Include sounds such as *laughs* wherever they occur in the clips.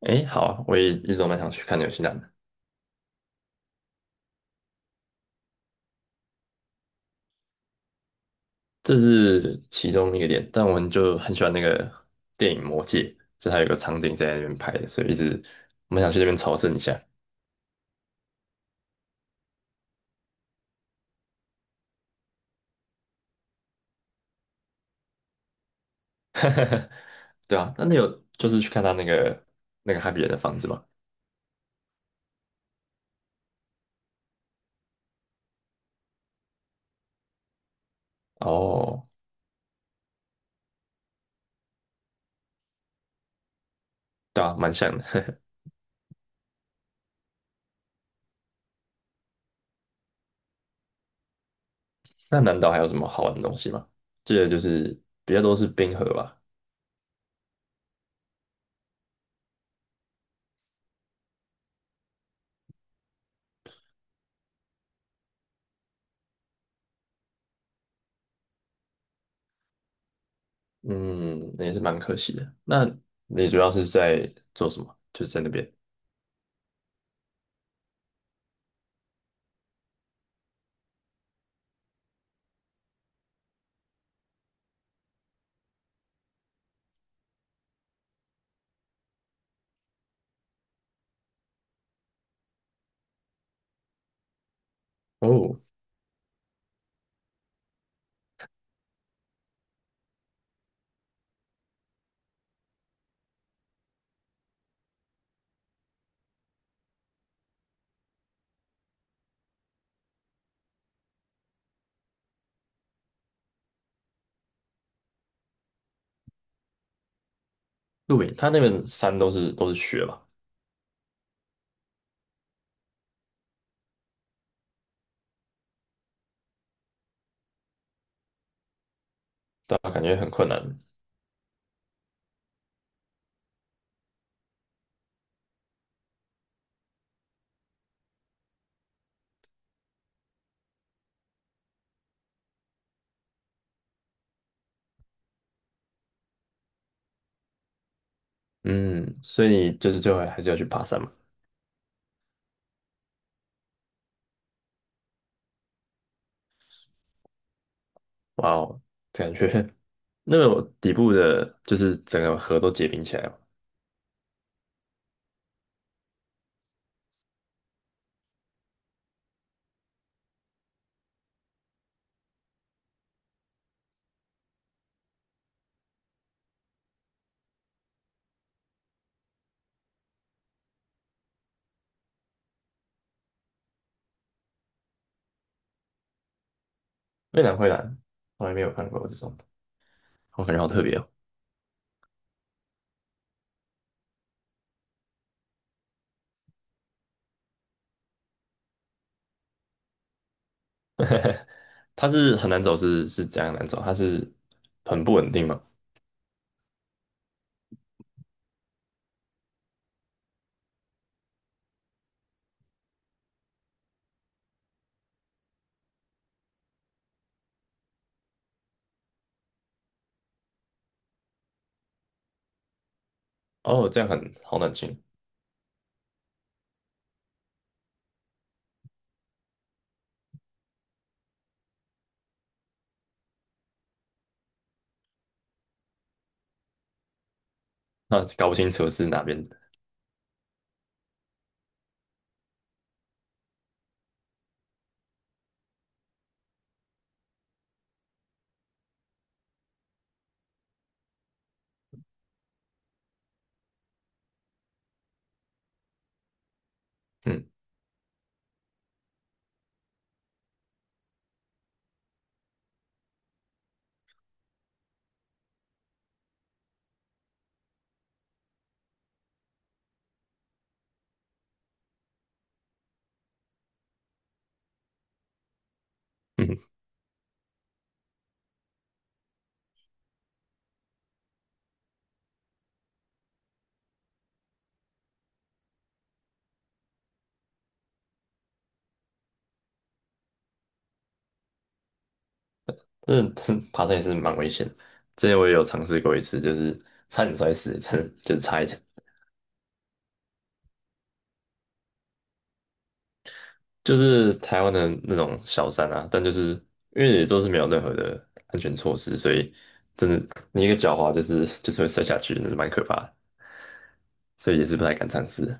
诶，好啊，我也一直都蛮想去看纽西兰的，这是其中一个点。但我们就很喜欢那个电影《魔戒》，就它有个场景在那边拍的，所以一直我们想去那边朝圣一下。*laughs* 对啊，那你有就是去看他那个哈比人的房子吗？哦，对啊，蛮像的。*laughs* 那南岛还有什么好玩的东西吗？这个就是比较多是冰河吧。嗯，那也是蛮可惜的。那你主要是在做什么？就是在那边哦，露营，它那边山都是雪嘛。对啊，感觉很困难。嗯，所以你就是最后还是要去爬山嘛？哇哦，感觉 *laughs* 那个底部的，就是整个河都结冰起来了。蔚蓝灰蓝，从来没有看过这种，我感觉好特别哦。它是很难走是，是怎样难走？它是很不稳定嘛？哦，这样很好冷清。那搞不清楚是哪边的。嗯嗯，*laughs* 这这爬山也是蛮危险的。之前我也有尝试过一次，就是差点摔死，真的就是差一点。就是台湾的那种小山啊，但就是因为也都是没有任何的安全措施，所以真的你一个狡猾就是会摔下去，那是蛮可怕的，所以也是不太敢尝试。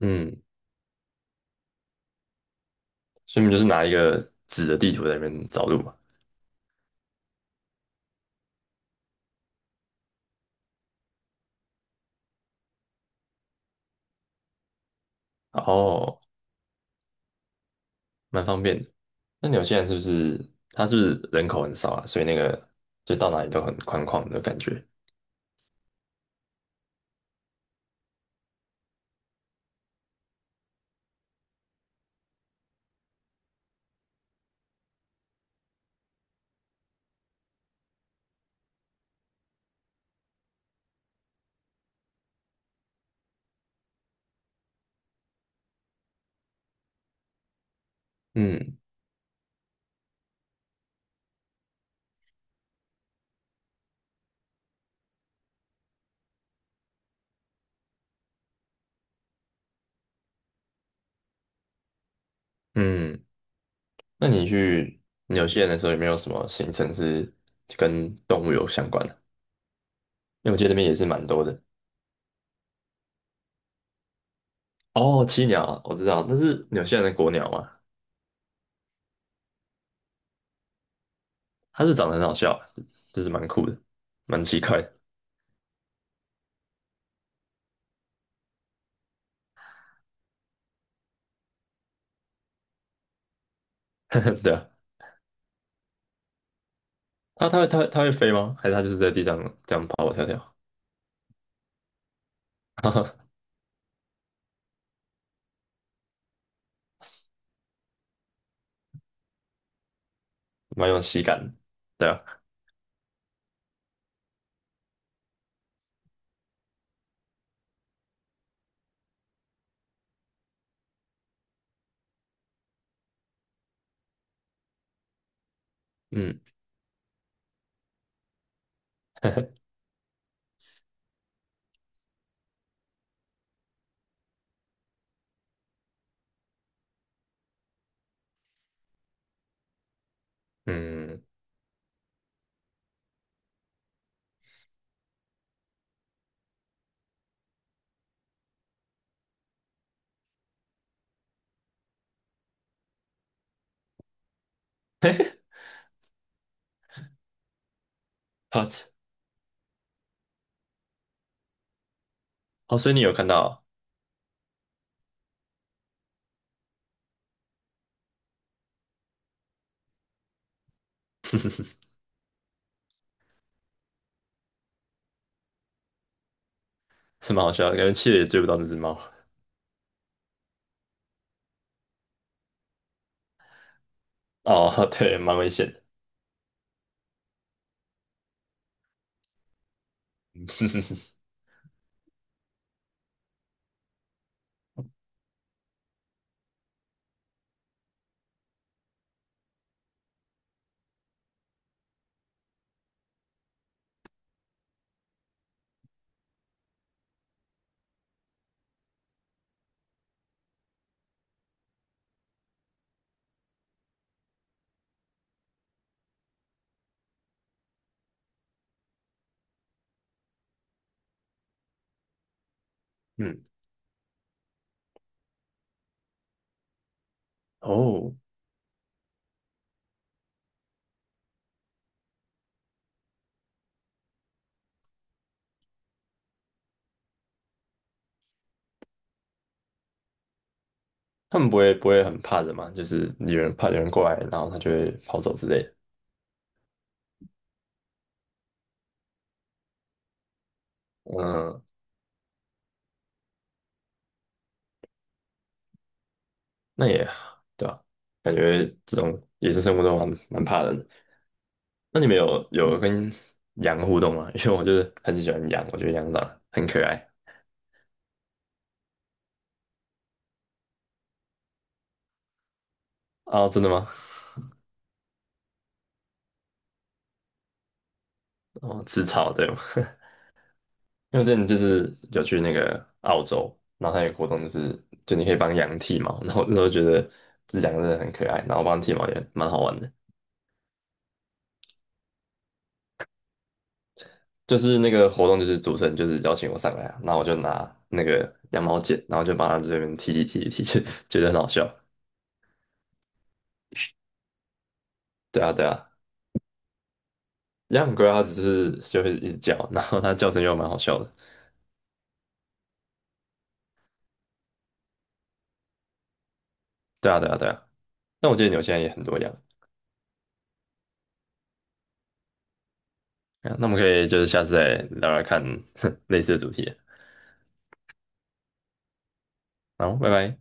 嗯，所以你就是拿一个纸的地图在那边找路嘛，然后蛮方便的。那纽西兰是不是它人口很少啊？所以那个就到哪里都很宽旷的感觉。嗯嗯，那你去纽西兰的时候有没有什么行程是跟动物有相关的？因为我记得那边也是蛮多的。哦，栖鸟啊我知道，那是纽西兰的国鸟嘛，它是长得很好笑，就是蛮酷的，蛮奇怪的，*laughs* 对啊，它会飞吗？还是它就是在地上这样跑跑跳跳，*laughs* 蛮有喜感的，对啊，嗯 *laughs* 嗯，*laughs* 好哦，所以你有看到哦，是蛮好笑的，感觉企鹅也追不到那只猫，哦，*laughs* 对，蛮危险的，*laughs* 嗯，哦，他们不会很怕人嘛，就是有人怕有人过来，然后它就会跑走之类的，嗯，那也对吧、感觉这种也是生活中蛮怕人的。那你们有跟羊互动吗？*laughs* 因为我就是很喜欢羊，我觉得羊长得很可爱。哦，真的吗？哦，吃草对吗？*laughs* 因为我之前就是有去那个澳洲，然后它有个活动就是就你可以帮羊剃毛，然后那时候觉得这羊真的很可爱，然后帮它剃毛也蛮好玩的。就是那个活动，就是主持人就是邀请我上来啊，然后我就拿那个羊毛剪，然后就帮它这边剃剃剃剃，*laughs* 就觉得很好笑。对啊，对啊，养龟它只是就会一直叫，然后它叫声又蛮好笑的。对啊，对啊，对啊。但我记得纽现在也很多羊。啊那我们可以就是下次再聊聊看 *laughs* 类似的主题。好，拜拜。